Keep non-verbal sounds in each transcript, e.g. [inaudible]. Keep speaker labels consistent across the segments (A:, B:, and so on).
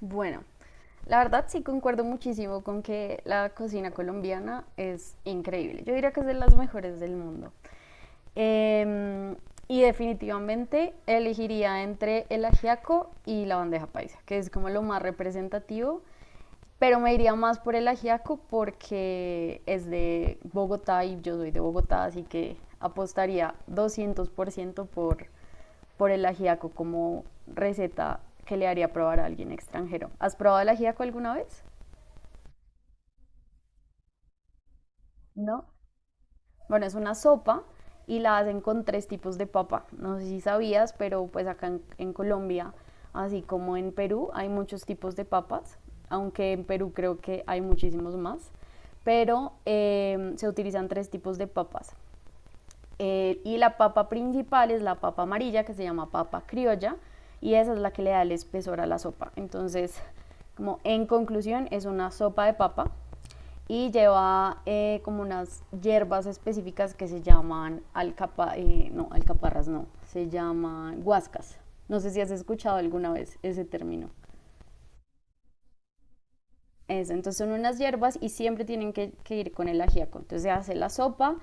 A: Bueno, la verdad sí concuerdo muchísimo con que la cocina colombiana es increíble. Yo diría que es de las mejores del mundo. Em, y definitivamente elegiría entre el ajiaco y la bandeja paisa, que es como lo más representativo, pero me iría más por el ajiaco porque es de Bogotá y yo soy de Bogotá, así que apostaría 200% por el ajiaco como receta que le haría probar a alguien extranjero. ¿Has probado el ajiaco alguna vez? No. Bueno, es una sopa y la hacen con tres tipos de papa. No sé si sabías, pero pues acá en Colombia, así como en Perú, hay muchos tipos de papas, aunque en Perú creo que hay muchísimos más. Pero se utilizan tres tipos de papas. Y la papa principal es la papa amarilla, que se llama papa criolla, y esa es la que le da el espesor a la sopa. Entonces, como en conclusión, es una sopa de papa y lleva como unas hierbas específicas que se llaman alcapa, no, alcaparras no, se llaman guascas. No sé si has escuchado alguna vez ese término. Eso, entonces son unas hierbas y siempre tienen que ir con el ajíaco. Entonces se hace la sopa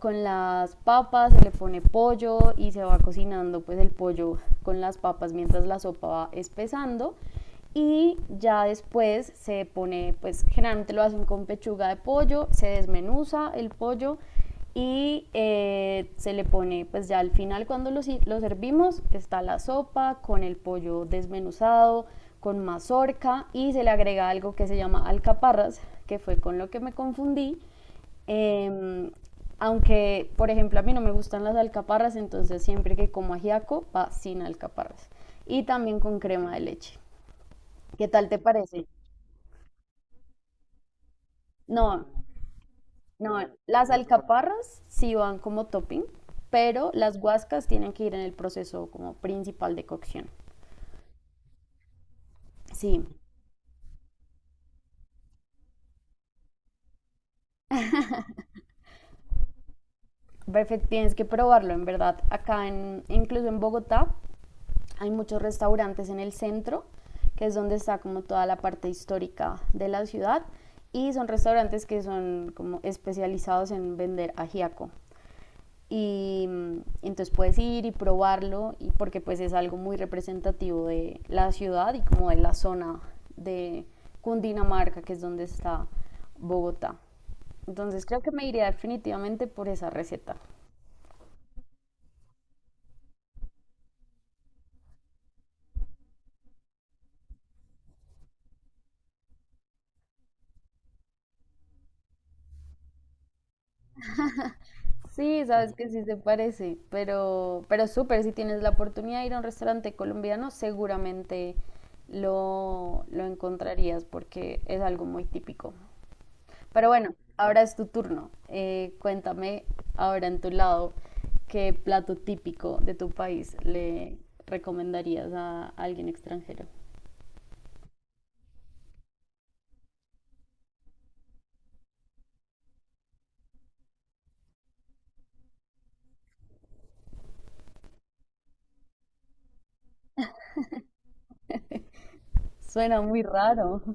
A: con las papas, se le pone pollo y se va cocinando pues el pollo con las papas mientras la sopa va espesando y ya después se pone pues generalmente lo hacen con pechuga de pollo, se desmenuza el pollo y se le pone, pues ya al final cuando lo, si- lo servimos, está la sopa con el pollo desmenuzado, con mazorca y se le agrega algo que se llama alcaparras, que fue con lo que me confundí. Em, Aunque, por ejemplo, a mí no me gustan las alcaparras, entonces siempre que como ajiaco va sin alcaparras. Y también con crema de leche. ¿Qué tal te parece? No, no, las alcaparras sí van como topping, pero las guascas tienen que ir en el proceso como principal de cocción. Sí, perfecto, tienes que probarlo, en verdad. Acá, incluso en Bogotá, hay muchos restaurantes en el centro, que es donde está como toda la parte histórica de la ciudad, y son restaurantes que son como especializados en vender ajiaco, y mm, entonces puedes ir y probarlo y porque pues es algo muy representativo de la ciudad y como de la zona de Cundinamarca, que es donde está Bogotá. Entonces creo que me iría definitivamente por esa receta. Sí, sabes que sí se parece, pero súper, si tienes la oportunidad de ir a un restaurante colombiano, seguramente lo encontrarías porque es algo muy típico. Pero bueno, ahora es tu turno. Cuéntame ahora en tu lado qué plato típico de tu país le recomendarías a alguien extranjero. Suena muy raro. [laughs]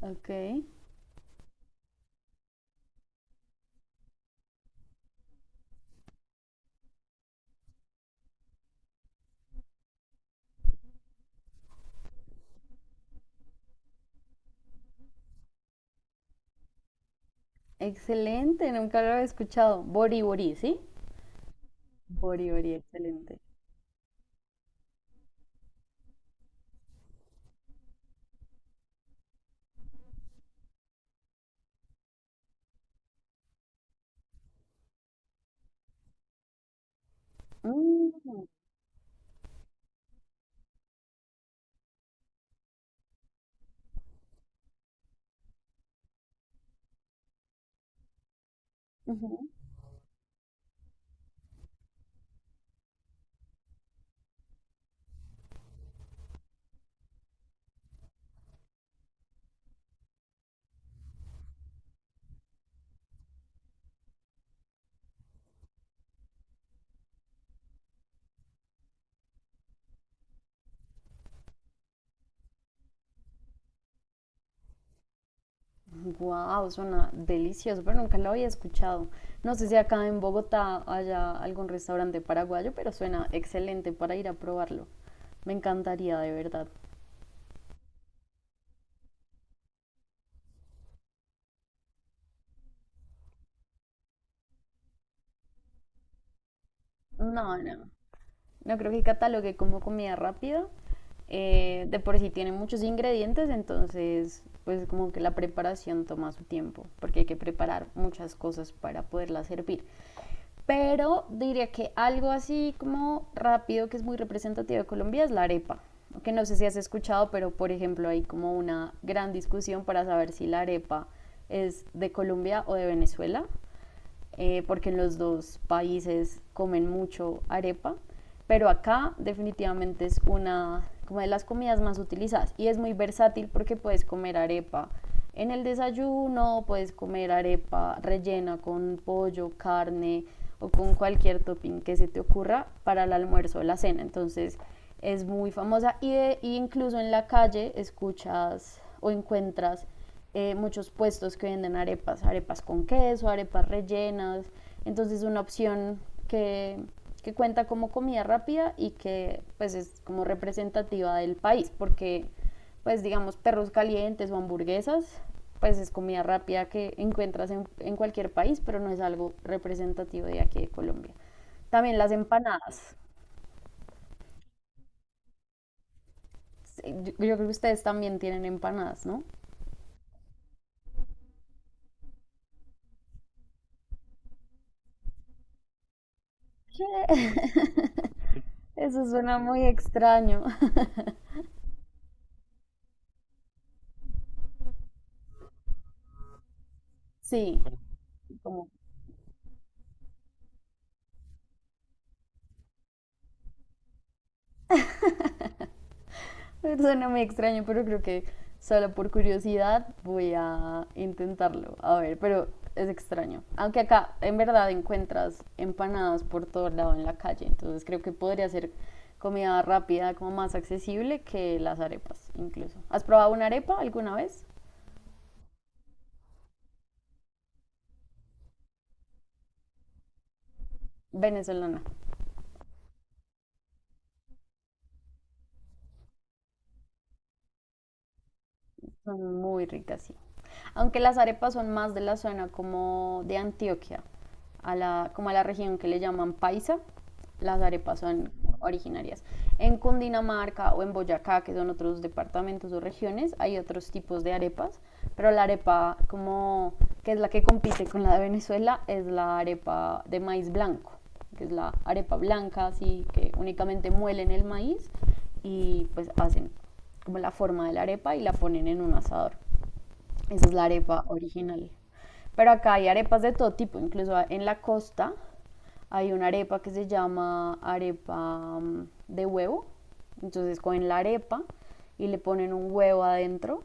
A: Ok, excelente, nunca lo había escuchado. Bori bori, ¿sí? Bori bori, excelente. Mm, ujú. Wow, suena delicioso, pero nunca lo había escuchado. No sé si acá en Bogotá haya algún restaurante paraguayo, pero suena excelente para ir a probarlo. Me encantaría, de verdad. No, no. No creo que catalogue como comida rápida. De por sí tiene muchos ingredientes, entonces pues como que la preparación toma su tiempo, porque hay que preparar muchas cosas para poderla servir. Pero diría que algo así como rápido que es muy representativo de Colombia es la arepa, que no sé si has escuchado, pero por ejemplo hay como una gran discusión para saber si la arepa es de Colombia o de Venezuela porque en los dos países comen mucho arepa, pero acá definitivamente es una como de las comidas más utilizadas y es muy versátil porque puedes comer arepa en el desayuno, puedes comer arepa rellena con pollo, carne o con cualquier topping que se te ocurra para el almuerzo o la cena. Entonces es muy famosa y incluso en la calle escuchas o encuentras muchos puestos que venden arepas, arepas con queso, arepas rellenas. Entonces es una opción que, que cuenta como comida rápida y que pues es como representativa del país, porque pues digamos perros calientes o hamburguesas, pues es comida rápida que encuentras en cualquier país, pero no es algo representativo de aquí de Colombia. También las empanadas. Sí, yo creo que ustedes también tienen empanadas, ¿no? ¿Qué? [laughs] Eso suena muy extraño. Sí, como [laughs] suena muy extraño, pero creo que solo por curiosidad voy a intentarlo. A ver, pero es extraño. Aunque acá en verdad encuentras empanadas por todo lado en la calle, entonces creo que podría ser comida rápida, como más accesible que las arepas incluso. ¿Has probado una arepa alguna vez? Venezolana. Son muy ricas, sí. Aunque las arepas son más de la zona como de Antioquia, como a la región que le llaman Paisa, las arepas son originarias. En Cundinamarca o en Boyacá, que son otros departamentos o regiones, hay otros tipos de arepas, pero la arepa como que es la que compite con la de Venezuela es la arepa de maíz blanco, que es la arepa blanca, así que únicamente muelen el maíz y pues hacen como la forma de la arepa y la ponen en un asador. Esa es la arepa original. Pero acá hay arepas de todo tipo, incluso en la costa hay una arepa que se llama arepa de huevo. Entonces cogen la arepa y le ponen un huevo adentro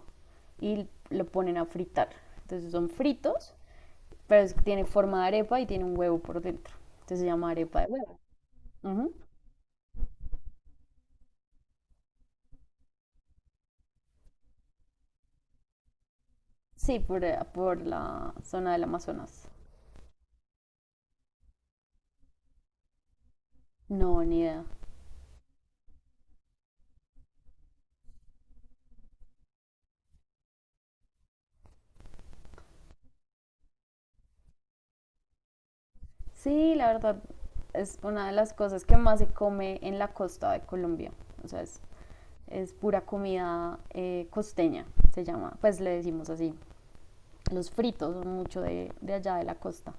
A: y lo ponen a fritar. Entonces son fritos, pero tiene forma de arepa y tiene un huevo por dentro. Entonces se llama arepa de huevo. Ujú. Sí, por la zona del Amazonas. No, ni idea. Sí, la verdad es una de las cosas que más se come en la costa de Colombia. O sea, es pura comida costeña, se llama. Pues le decimos así. Los fritos son mucho de allá de la costa.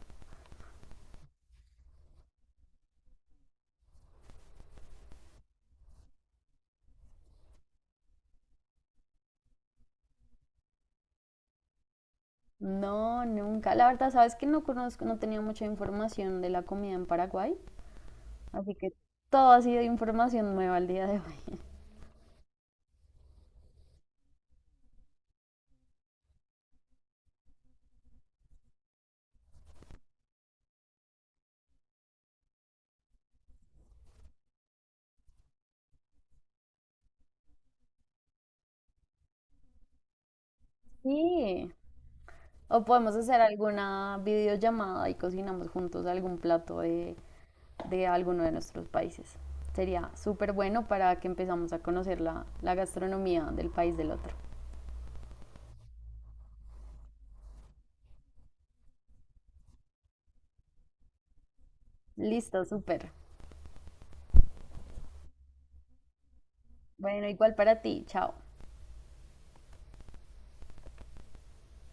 A: No, nunca. La verdad, sabes que no conozco, no tenía mucha información de la comida en Paraguay. Así que todo ha sido información nueva al día de hoy. [laughs] Sí. O podemos hacer alguna videollamada y cocinamos juntos algún plato de alguno de nuestros países. Sería súper bueno para que empezamos a conocer la gastronomía del país del otro. Listo, súper. Bueno, igual para ti. Chao.